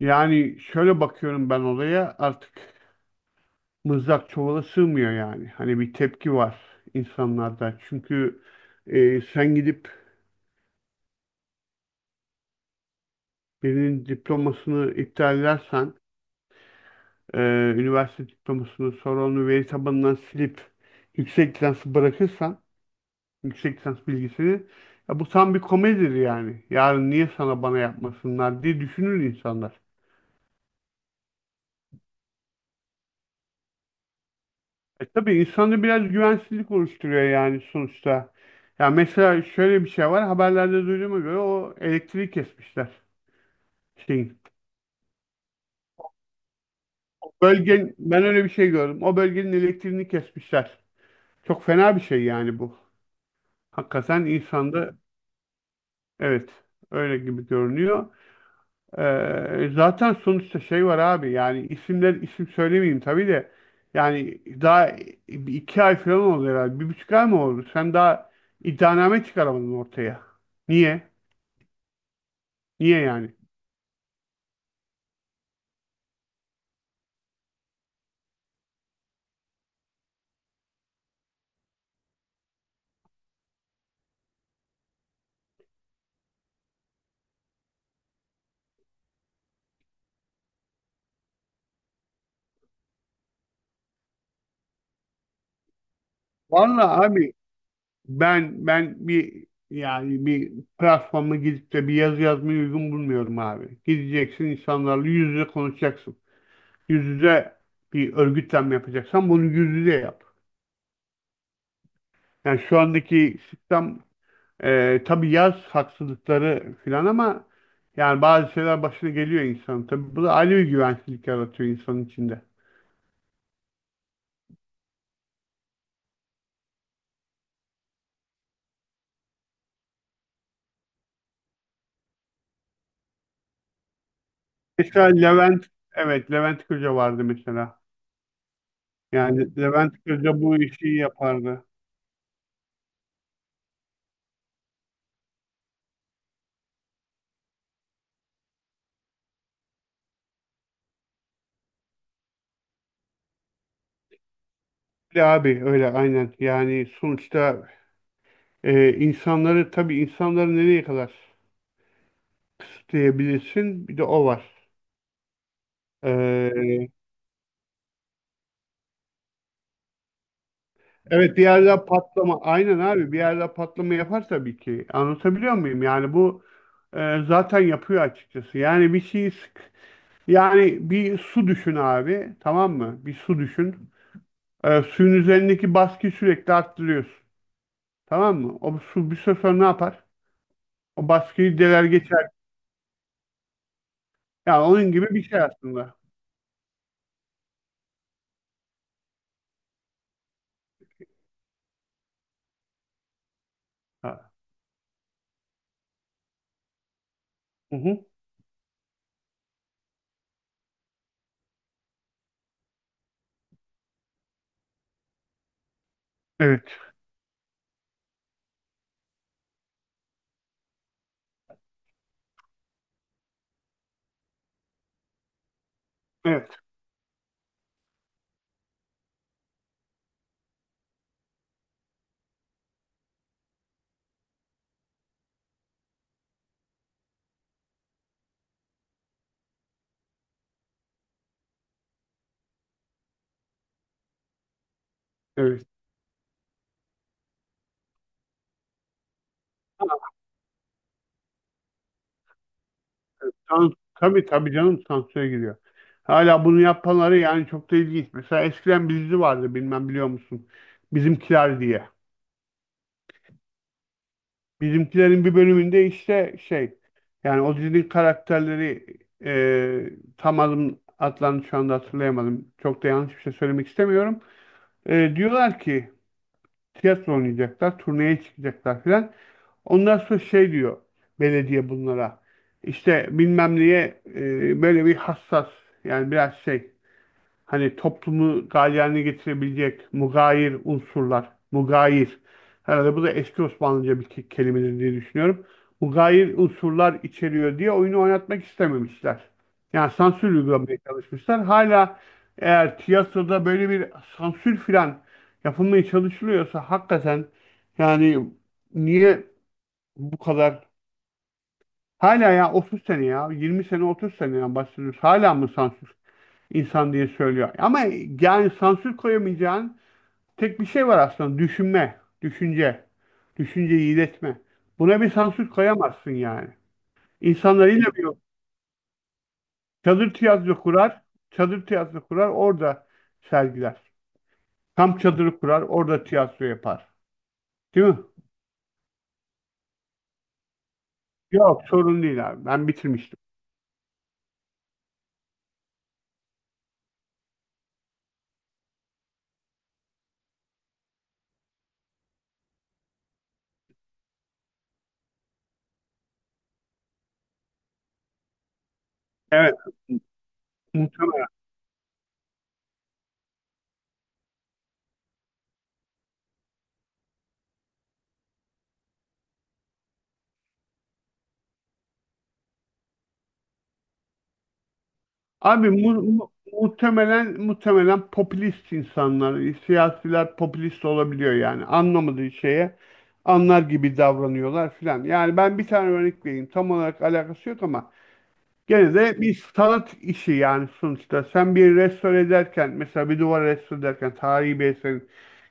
Yani şöyle bakıyorum ben olaya artık mızrak çuvala sığmıyor yani. Hani bir tepki var insanlarda. Çünkü sen gidip birinin diplomasını iptal edersen, e, üniversite diplomasını sonra onu veri tabanından silip yüksek lisansı bırakırsan, yüksek lisans bilgisini ya bu tam bir komedidir yani. Yarın niye sana bana yapmasınlar diye düşünür insanlar. E tabii insanda biraz güvensizlik oluşturuyor yani sonuçta. Ya mesela şöyle bir şey var. Haberlerde duyduğuma göre o elektriği kesmişler. Şeyin. Bölgen, ben öyle bir şey gördüm. O bölgenin elektriğini kesmişler. Çok fena bir şey yani bu. Hakikaten insanda evet öyle gibi görünüyor. Zaten sonuçta şey var abi yani isimler isim söylemeyeyim tabii de yani daha bir iki ay falan oldu herhalde. Bir buçuk ay mı oldu? Sen daha iddianame çıkaramadın ortaya. Niye? Niye yani? Vallahi abi ben bir yani bir platforma gidip de bir yazı yazmayı uygun bulmuyorum abi. Gideceksin insanlarla yüz yüze konuşacaksın. Yüz yüze bir örgütlenme yapacaksan bunu yüz yüze yap. Yani şu andaki sistem tabii yaz haksızlıkları filan ama yani bazı şeyler başına geliyor insan. Tabii bu da ayrı bir güvensizlik yaratıyor insanın içinde. Mesela Levent, evet Levent Kırca vardı mesela. Yani Levent Kırca bu işi yapardı. Öyle abi öyle aynen. Yani sonuçta insanları tabii insanları nereye kadar kısıtlayabilirsin? Bir de o var. Ee, Evet bir yerde patlama aynen abi bir yerde patlama yapar tabii ki anlatabiliyor muyum yani bu zaten yapıyor açıkçası yani bir şeyi sık yani bir su düşün abi, tamam mı? Bir su düşün. Suyun üzerindeki baskıyı sürekli arttırıyorsun, tamam mı? O su bir süre sonra ne yapar? O baskıyı deler geçer. Yani onun gibi bir şey aslında. Ha. Hı hı. Evet, evet, evet. Tabii, tabii, canım, sansüre giriyor. Hala bunu yapanları yani çok da ilginç. Mesela eskiden bir dizi vardı, bilmem biliyor musun? Bizimkiler diye. Bizimkilerin bir bölümünde işte şey, yani o dizinin karakterleri e, tam adlarını şu anda hatırlayamadım. Çok da yanlış bir şey söylemek istemiyorum. Diyorlar ki tiyatro oynayacaklar, turneye çıkacaklar filan. Ondan sonra şey diyor belediye bunlara. İşte bilmem neye böyle bir hassas, yani biraz şey, hani toplumu galeyana getirebilecek mugayir unsurlar, mugayir. Herhalde bu da eski Osmanlıca bir kelimedir diye düşünüyorum. Mugayir unsurlar içeriyor diye oyunu oynatmak istememişler. Yani sansür uygulamaya çalışmışlar. Hala eğer tiyatroda böyle bir sansür filan yapılmaya çalışılıyorsa hakikaten yani niye bu kadar hala, ya 30 sene ya 20 sene, 30 seneden bahsediyoruz. Hala mı sansür? İnsan diye söylüyor. Ama yani sansür koyamayacağın tek bir şey var aslında. Düşünme, düşünce, düşünceyi iletme. Buna bir sansür koyamazsın yani. İnsanlar yine bir çadır tiyatro kurar, çadır tiyatro kurar, orada sergiler. Kamp çadırı kurar, orada tiyatro yapar. Değil mi? Yok, sorun değil abi. Ben bitirmiştim. Evet, muhtemelen. Abi muhtemelen popülist insanlar, siyasiler popülist olabiliyor yani anlamadığı şeye anlar gibi davranıyorlar filan. Yani ben bir tane örnek vereyim. Tam olarak alakası yok ama gene de bir sanat işi yani sonuçta. Sen bir restore ederken, mesela bir duvar restore ederken tarihi bir eserin,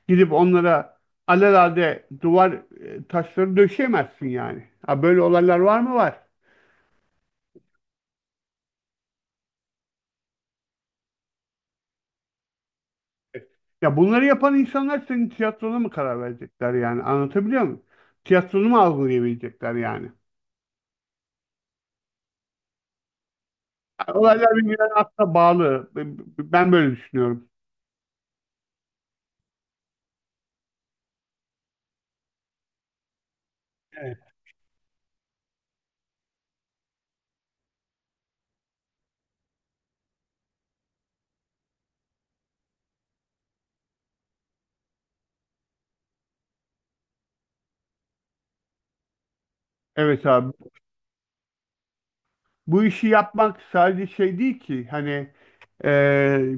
gidip onlara alelade duvar taşları döşeyemezsin yani. Ha, böyle olaylar var mı? Var. Ya bunları yapan insanlar senin tiyatrona mı karar verecekler yani? Anlatabiliyor muyum? Tiyatronu mu algılayabilecekler yani? Olaylar birbirine aslında bağlı. Ben böyle düşünüyorum. Evet. Evet abi. Bu işi yapmak sadece şey değil ki. Hani eee,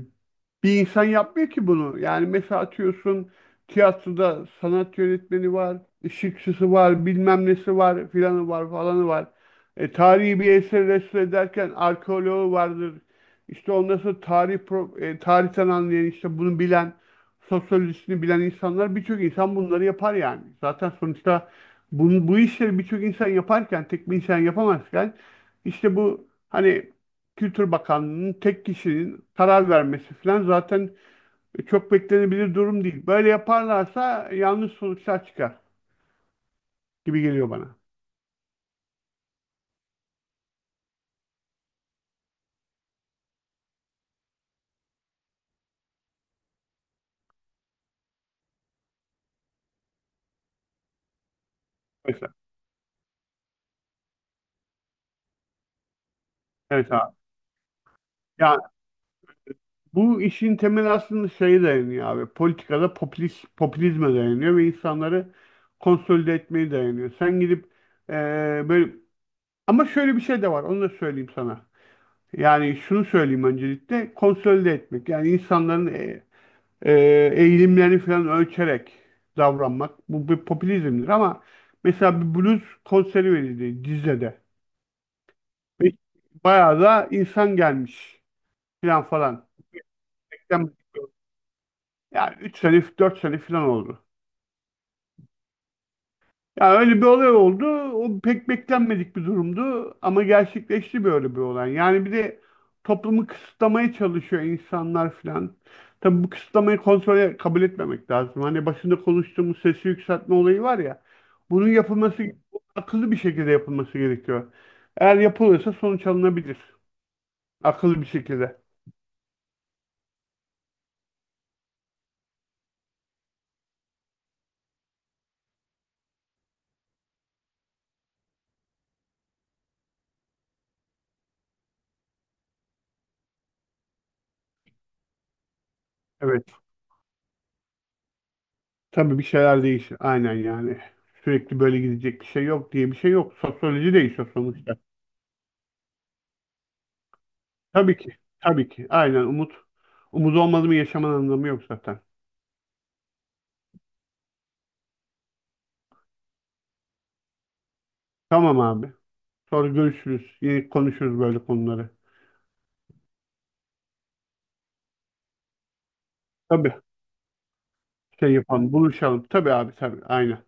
bir insan yapmıyor ki bunu. Yani mesela atıyorsun tiyatroda sanat yönetmeni var, ışıkçısı var, bilmem nesi var, filanı var, falanı var. E, tarihi bir eseri restore ederken arkeoloğu vardır. İşte ondan sonra tarihten anlayan, işte bunu bilen, sosyolojisini bilen insanlar, birçok insan bunları yapar yani. Zaten sonuçta bu işleri birçok insan yaparken tek bir insan yapamazken, işte bu hani Kültür Bakanlığı'nın tek kişinin karar vermesi falan zaten çok beklenebilir durum değil. Böyle yaparlarsa yanlış sonuçlar çıkar gibi geliyor bana. Mesela. Evet abi. Ya bu işin temeli aslında şeye dayanıyor abi. Politikada popülist, popülizme dayanıyor ve insanları konsolide etmeye dayanıyor. Sen gidip eee, böyle ama şöyle bir şey de var. Onu da söyleyeyim sana. Yani şunu söyleyeyim öncelikle konsolide etmek. Yani insanların e, eğilimlerini falan ölçerek davranmak. Bu bir popülizmdir ama mesela bir blues konseri verildi Düzce'de. Ve bayağı da insan gelmiş falan falan. Yani 3 sene 4 sene falan oldu. Ya öyle bir olay oldu. O pek beklenmedik bir durumdu ama gerçekleşti böyle bir olay. Yani bir de toplumu kısıtlamaya çalışıyor insanlar filan. Tabii bu kısıtlamayı kontrole kabul etmemek lazım. Hani başında konuştuğumuz sesi yükseltme olayı var ya. Bunun yapılması Akıllı bir şekilde yapılması gerekiyor. Eğer yapılırsa sonuç alınabilir. Akıllı bir şekilde. Evet. Tabii bir şeyler değişir. Aynen yani. Sürekli böyle gidecek bir şey yok diye bir şey yok. Sosyoloji değişiyor sonuçta. Tabii ki. Tabii ki. Aynen, umut. Umut olmadı mı yaşamanın anlamı yok zaten. Tamam abi. Sonra görüşürüz. Yine konuşuruz böyle konuları. Tabii. Şey yapalım. Buluşalım. Tabii abi, tabii. Aynen.